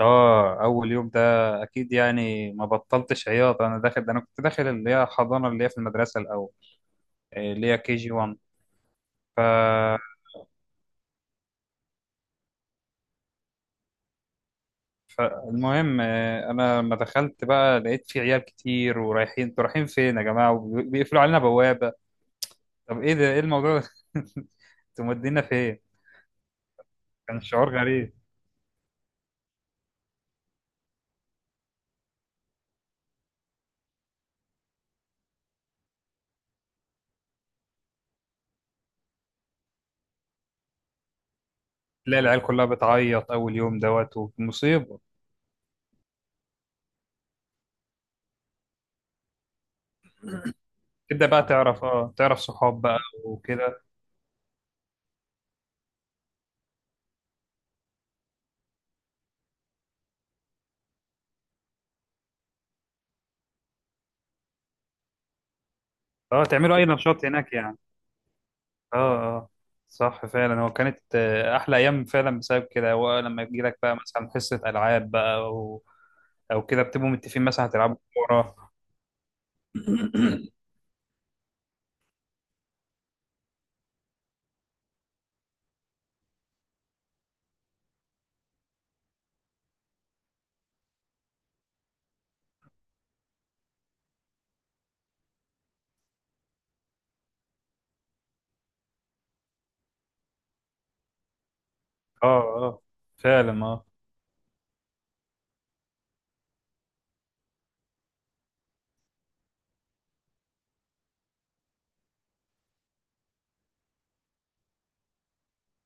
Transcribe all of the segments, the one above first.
اه، اول يوم ده. اكيد يعني ما بطلتش عياط. انا كنت داخل اللي هي حضانه، اللي هي في المدرسه الاول. إيه، اللي هي كي جي 1. ف... فالمهم، إيه، انا لما دخلت بقى لقيت في عيال كتير ورايحين. انتوا رايحين فين يا جماعه؟ وبيقفلوا علينا بوابه. طب ايه ده؟ ايه الموضوع ده؟ انتوا مودينا فين؟ كان شعور غريب. تلاقي العيال كلها بتعيط اول يوم دوت ومصيبه. تبدا بقى تعرف صحاب بقى وكده. اه، تعملوا اي نشاط هناك يعني. اه. اه. صح فعلا. هو كانت احلى ايام فعلا بسبب كده. هو لما يجي لك بقى مثلا حصه العاب بقى، او كده بتبقوا متفقين مثلا هتلعبوا كوره. اه. اه، فعلا، اه.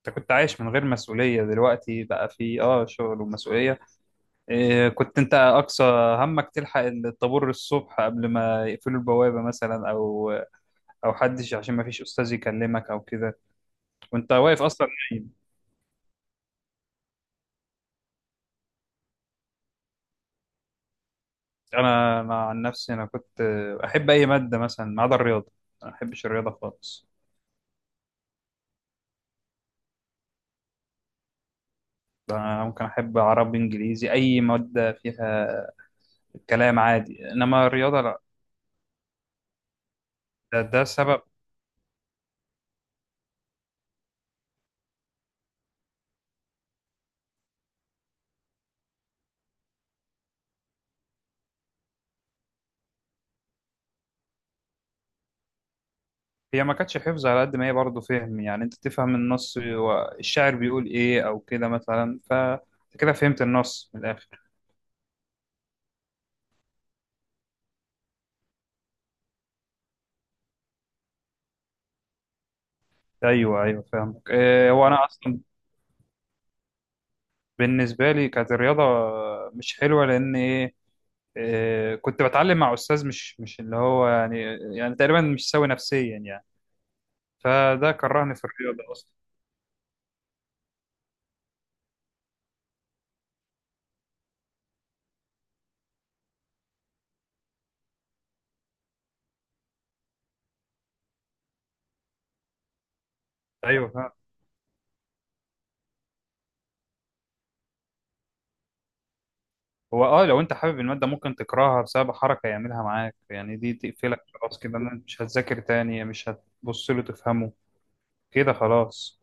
انت كنت عايش من غير مسؤوليه، دلوقتي بقى في شغل ومسؤوليه. إيه، كنت انت اقصى همك تلحق الطابور الصبح قبل ما يقفلوا البوابه مثلا، او حدش عشان ما فيش استاذ يكلمك او كده، وانت واقف اصلا. انا عن نفسي انا كنت احب اي ماده مثلا ما عدا الرياضه. أنا ما احبش الرياضه خالص. انا ممكن احب عربي، انجليزي، اي ماده فيها كلام عادي، انما الرياضه لا. ده سبب. هي ما كانتش حفظ على قد ما هي برضه فهم، يعني انت تفهم النص والشاعر بيقول ايه او كده مثلا. كده فهمت النص من الاخر. ايوه، ايوه، فاهمك. إيه، هو انا اصلا بالنسبة لي كانت الرياضة مش حلوة، لأن إيه، كنت بتعلم مع أستاذ مش اللي هو يعني، يعني تقريبا مش سوي نفسيا يعني. فده كرهني في الرياضة أصلا. أيوه فاهم. هو لو أنت حابب المادة ممكن تكرهها بسبب حركة يعملها معاك، يعني دي تقفلك خلاص كده إن أنت مش هتذاكر تاني، مش هتبص له تفهمه. كده خلاص.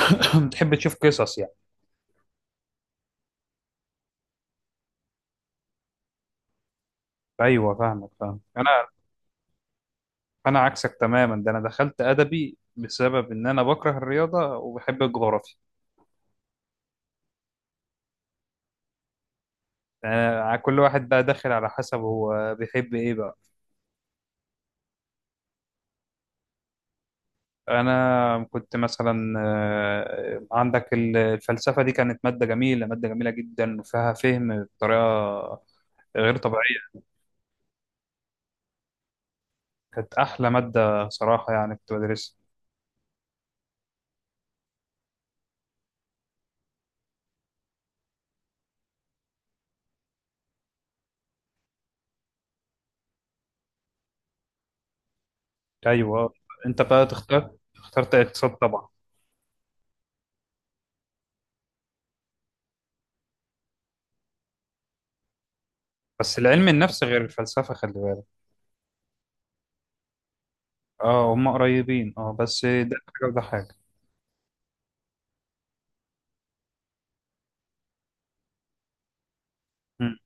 بتحب تشوف قصص يعني. أيوه فاهمك، فاهم أنا. أنا عكسك تماما، ده أنا دخلت أدبي بسبب إن أنا بكره الرياضة وبحب الجغرافيا. يعني كل واحد بقى داخل على حسب هو بيحب ايه بقى. انا كنت مثلا، عندك الفلسفه دي، كانت ماده جميله، ماده جميله جدا، وفيها فهم بطريقه غير طبيعيه. كانت احلى ماده صراحه، يعني كنت بدرسها. ايوه، انت بقى اخترت اقتصاد طبعا. بس العلم النفس غير الفلسفه، خلي بالك. اه، هم قريبين، اه، بس ده حاجه وده حاجه. مم.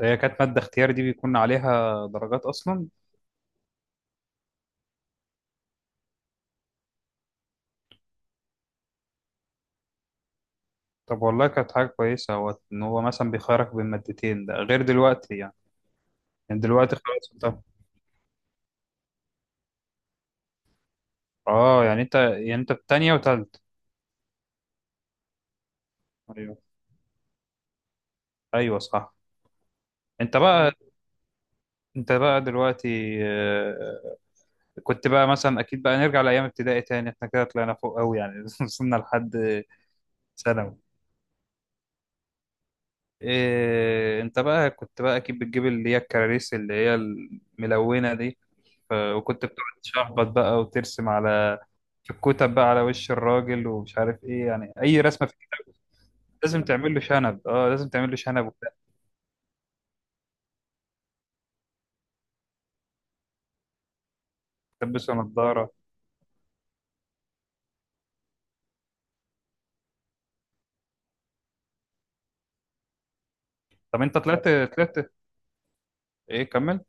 هي كانت ماده اختيار، دي بيكون عليها درجات اصلا. طب والله، كانت حاجة كويسة هو إن هو مثلا بيخيرك بين مادتين، ده غير دلوقتي يعني. يعني دلوقتي خلاص أنت، آه، يعني أنت في تانية وتالتة. أيوه، أيوه، صح. أنت بقى أنت بقى دلوقتي، كنت بقى مثلا أكيد بقى نرجع لأيام ابتدائي تاني. إحنا كده طلعنا فوق أوي يعني. وصلنا لحد ثانوي. إيه، أنت بقى كنت بقى أكيد بتجيب اللي هي الكراريس، اللي هي الملونة دي. وكنت بتقعد تشخبط بقى وترسم على شكوتة بقى على وش الراجل، ومش عارف ايه، يعني اي رسمة في. لازم تعمل له شنب، اه، لازم تعمل له شنب وبتاع. تلبسه نظارة. طب انت طلعت ايه، كمل.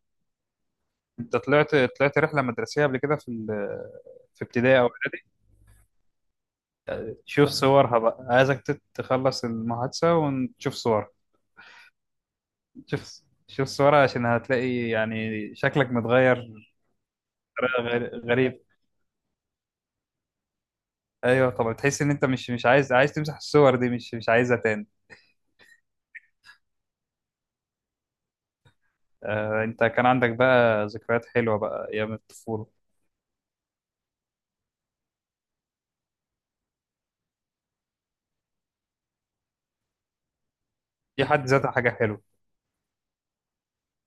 انت طلعت رحلة مدرسية قبل كده في ابتدائي او اعدادي؟ شوف صورها بقى، عايزك تخلص المحادثة ونشوف صورها. شوف، شوف صورها عشان هتلاقي يعني شكلك متغير بطريقة غريب. ايوه طبعا، تحس ان انت مش عايز تمسح الصور دي، مش عايزها تاني. انت كان عندك بقى ذكريات حلوه بقى ايام الطفوله، دي حد ذاتها حاجه حلوه.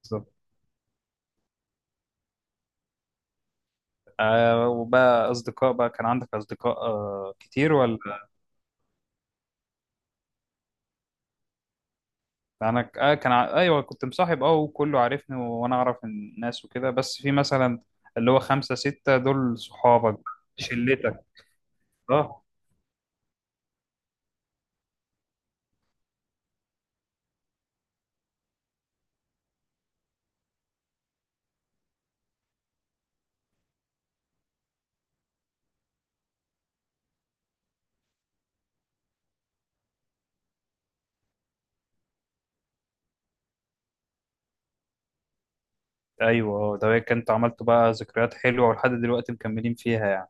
بالظبط. آه، وبقى اصدقاء بقى، كان عندك اصدقاء كتير ولا؟ يعني انا ك- آه كان ع- ايوه كنت مصاحب، اه، وكله عارفني وانا اعرف الناس وكده، بس في مثلا اللي هو خمسه سته، دول صحابك. شلتك. اه. ايوه. اه، ده كنت عملت بقى ذكريات حلوه ولحد دلوقتي مكملين فيها يعني.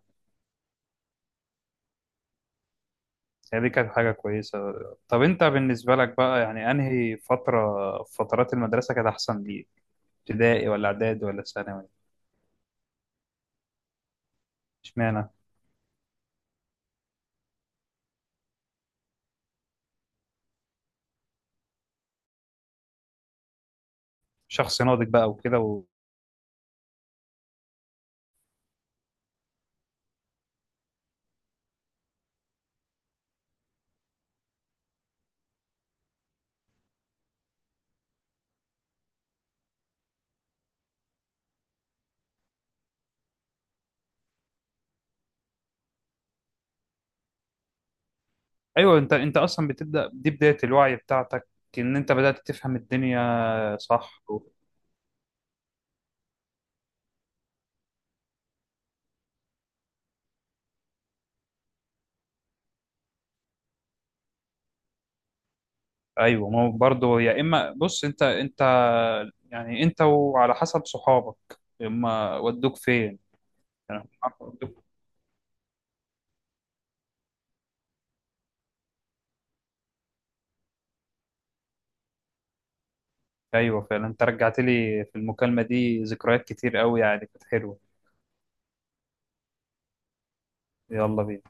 يعني دي كانت حاجه كويسه. طب انت بالنسبه لك بقى، يعني انهي فتره في فترات المدرسه كانت احسن ليك؟ ابتدائي ولا اعدادي ولا ثانوي؟ اشمعنى؟ شخص ناضج بقى وكده ايوه، انت اصلا بتبدا، دي بدايه الوعي بتاعتك، ان انت بدات تفهم الدنيا. صح ايوه، ما هو برضه، يا اما بص انت يعني انت وعلى حسب صحابك. اما ودوك فين؟ يعني ودوك- ايوه فعلا، انت رجعت لي في المكالمه دي ذكريات كتير قوي يعني، كانت حلوه. يلا بينا.